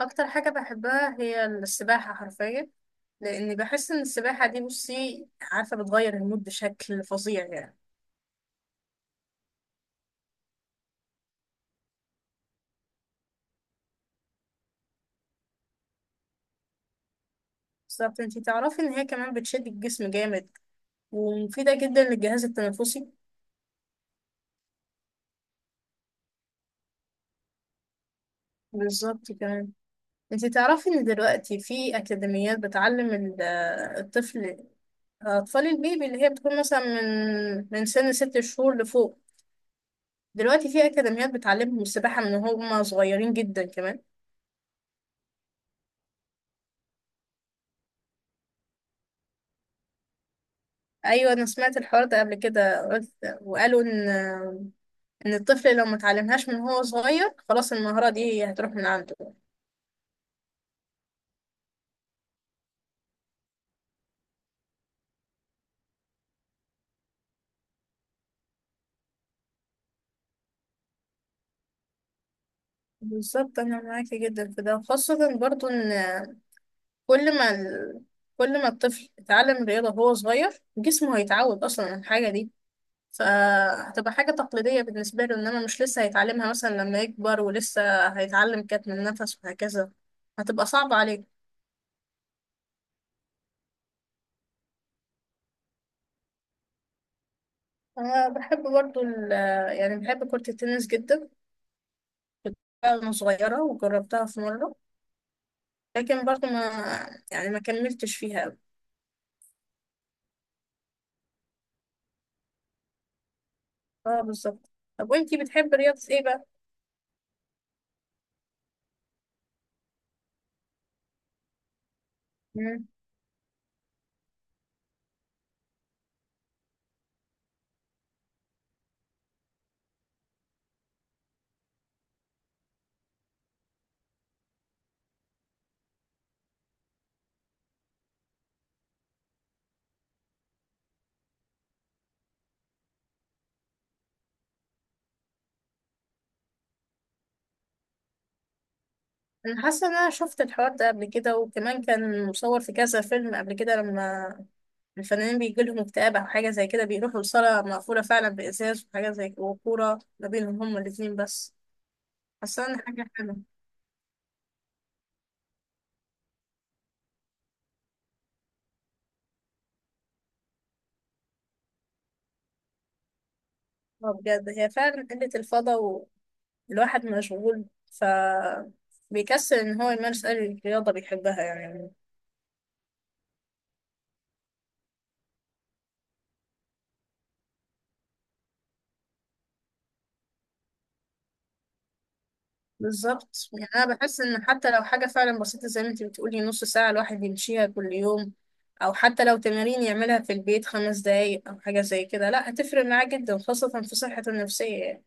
اكتر حاجة بحبها هي السباحة حرفيا، لاني بحس ان السباحة دي، بصي عارفة، بتغير المود بشكل فظيع يعني. بالظبط، انتي تعرفي ان هي كمان بتشد الجسم جامد ومفيدة جدا للجهاز التنفسي. بالظبط كمان. انتي تعرفي ان دلوقتي في اكاديميات بتعلم الطفل، اطفال البيبي اللي هي بتكون مثلا من سن ست شهور لفوق. دلوقتي في اكاديميات بتعلمهم السباحة من هم صغيرين جدا كمان. ايوه، انا سمعت الحوار ده قبل كده، قلت وقالوا ان، ان الطفل لو ما اتعلمهاش من هو صغير خلاص المهارة دي هتروح من عنده. بالظبط، انا معاكي جدا في ده، خاصة برضو ان كل ما ال... كل ما الطفل اتعلم الرياضة وهو صغير جسمه هيتعود اصلا على الحاجة دي، فهتبقى حاجة تقليدية بالنسبة له، انما مش لسه هيتعلمها مثلا لما يكبر، ولسه هيتعلم كتم النفس وهكذا، هتبقى صعبة عليه. انا بحب برضو ال... يعني بحب كرة التنس جدا. بحبها وأنا صغيرة وجربتها في مرة، لكن برضه ما يعني ما كملتش فيها أوي. اه، بالظبط. طب وانتي بتحبي رياضة ايه بقى؟ مم. أنا حاسة إن أنا شفت الحوار ده قبل كده، وكمان كان مصور في كذا فيلم قبل كده، لما الفنانين بيجيلهم اكتئاب أو حاجة زي كده بيروحوا لصالة مقفولة فعلا بإزاز وحاجة زي كده، وكورة ما بينهم هما الاتنين بس. حاسة إن حاجة حلوة. اه بجد، هي فعلا قلة الفضا والواحد مشغول، ف بيكسل ان هو يمارس اي رياضه بيحبها يعني. بالظبط، يعني انا بحس ان حتى لو حاجه فعلا بسيطه زي ما انت بتقولي، نص ساعه الواحد يمشيها كل يوم، او حتى لو تمارين يعملها في البيت خمس دقايق او حاجه زي كده، لا هتفرق معاه جدا خاصه في صحته النفسيه يعني.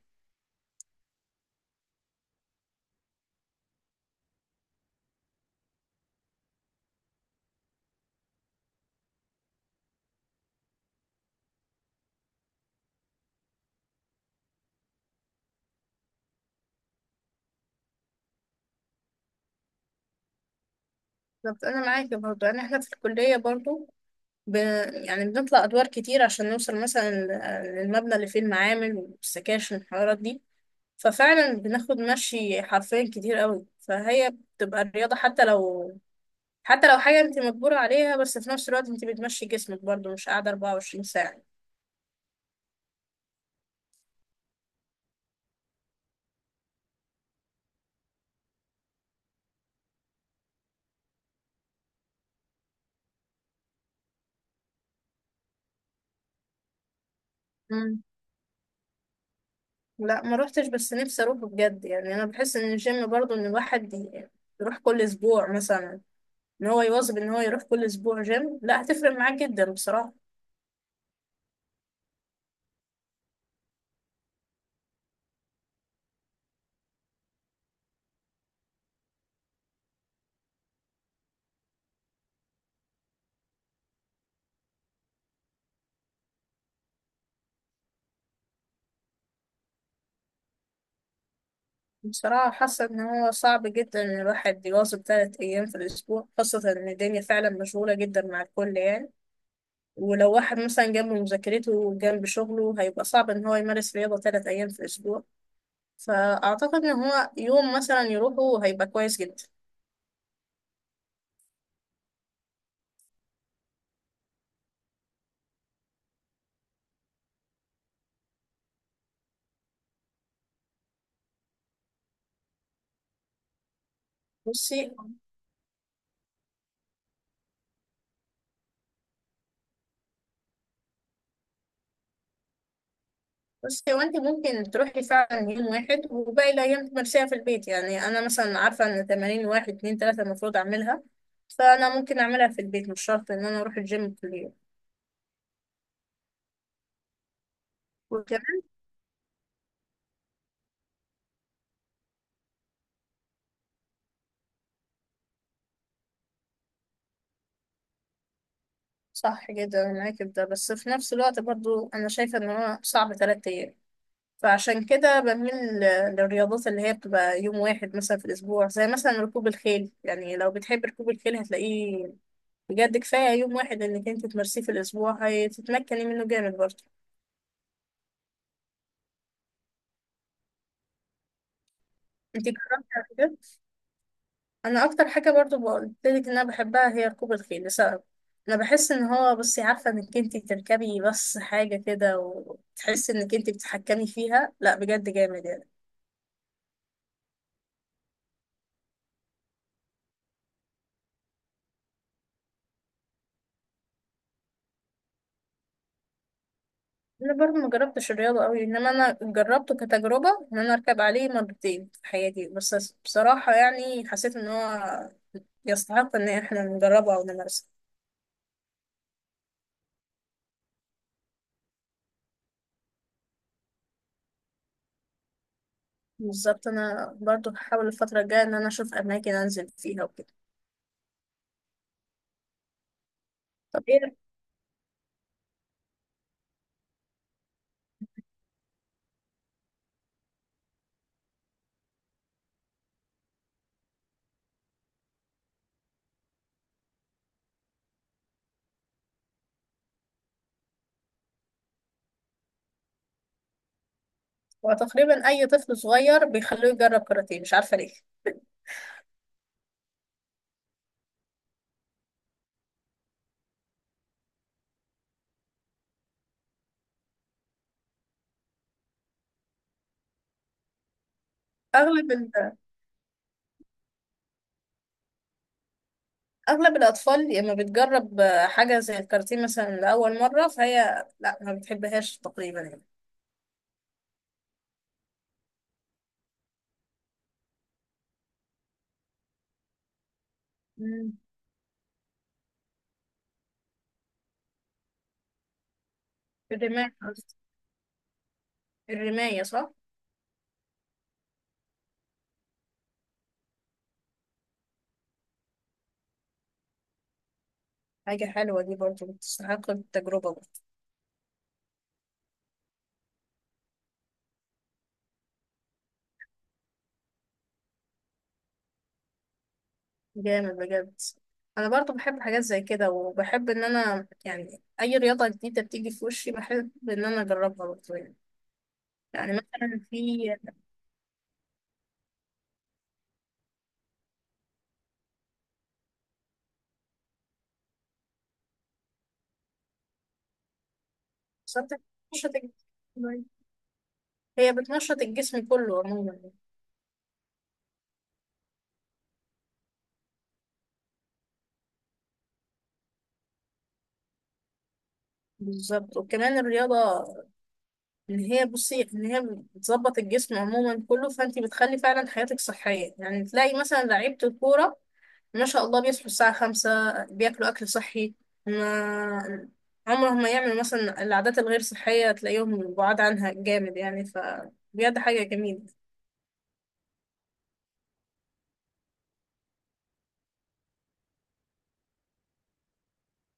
بالظبط، انا معاكي برضو. يعني احنا في الكليه برضو، ب... يعني بنطلع ادوار كتير عشان نوصل مثلا للمبنى اللي فيه المعامل والسكاشن والحوارات دي، ففعلا بناخد مشي حرفيا كتير قوي، فهي بتبقى الرياضه. حتى لو حاجة انت مجبورة عليها، بس في نفس الوقت انت بتمشي جسمك برضو، مش قاعدة 24 ساعة. مم. لا، ما روحتش، بس نفسي اروح بجد. يعني انا بحس ان الجيم برضو ان الواحد يروح كل اسبوع مثلا، ان هو يواظب ان هو يروح كل اسبوع جيم، لا هتفرق معاه جدا بصراحة. بصراحة حاسة ان هو صعب جدا ان الواحد يواظب ثلاث ايام في الاسبوع، خاصة ان الدنيا فعلا مشغولة جدا مع الكل يعني، ولو واحد مثلا جنب مذاكرته وجنب شغله هيبقى صعب ان هو يمارس رياضة ثلاث ايام في الاسبوع، فأعتقد إن هو يوم مثلا يروحوا هيبقى كويس جدا. بصي، بصي هو انت ممكن تروحي فعلا يوم واحد، وباقي الأيام تمارسيها في البيت. يعني أنا مثلا عارفة إن تمارين واحد اتنين تلاتة المفروض أعملها، فأنا ممكن أعملها في البيت، مش شرط إن أنا أروح الجيم كل يوم. وكمان صح جدا، أنا معاكي في ده، بس في نفس الوقت برضو أنا شايفة إن هو صعب تلات أيام، فعشان كده بميل للرياضات اللي هي بتبقى يوم واحد مثلا في الأسبوع، زي مثلا ركوب الخيل. يعني لو بتحب ركوب الخيل هتلاقيه بجد كفاية يوم واحد انك انت تمارسيه في الاسبوع، هتتمكني منه جامد برضه. انت جربتي قبل كده؟ انا اكتر حاجة برضه قلتلك ان انا بحبها هي ركوب الخيل، لسبب انا بحس ان هو، بصي عارفة، انك انت تركبي بس حاجة كده وتحسي انك انت بتتحكمي فيها، لا بجد جامد يعني. انا برضه ما جربتش الرياضة قوي، انما انا جربته كتجربة ان انا اركب عليه مرتين في حياتي، بس بصراحة يعني حسيت ان هو يستحق ان احنا نجربه او نمارسه. بالظبط، انا برضو هحاول الفترة الجاية ان انا اشوف اماكن انزل فيها وكده. طب ايه؟ وتقريبا اي طفل صغير بيخلوه يجرب كاراتيه، مش عارفة ليه. اغلب ال... اغلب الاطفال لما بتجرب حاجة زي الكاراتيه مثلا لاول مرة، فهي لا، ما بتحبهاش تقريبا يعني. مم. الرماية قصدي. الرماية صح. حاجة حلوة دي برضو، بتستحق التجربة برضو. جامد بجد. انا برضو بحب حاجات زي كده، وبحب ان انا، يعني اي رياضة جديدة بتيجي في وشي بحب ان انا اجربها برضو يعني. يعني مثلا في بالظبط. بتنشط الجسم. هي بتنشط الجسم كله عموما يعني. بالظبط، وكمان الرياضة، إن هي، بصي، إن هي بتظبط الجسم عموما كله، فأنت بتخلي فعلا حياتك صحية، يعني تلاقي مثلا لعيبة الكورة ما شاء الله بيصحوا الساعة خمسة، بياكلوا أكل صحي، ما عمرهم ما يعملوا مثلا العادات الغير صحية، تلاقيهم بعاد عنها جامد يعني، فبجد حاجة جميلة.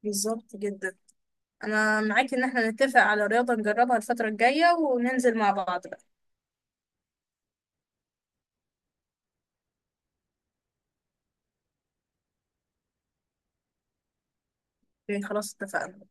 بالظبط جدا. انا معاك ان احنا نتفق على رياضة نجربها الفترة الجاية وننزل مع بعض بقى. يعني خلاص، اتفقنا.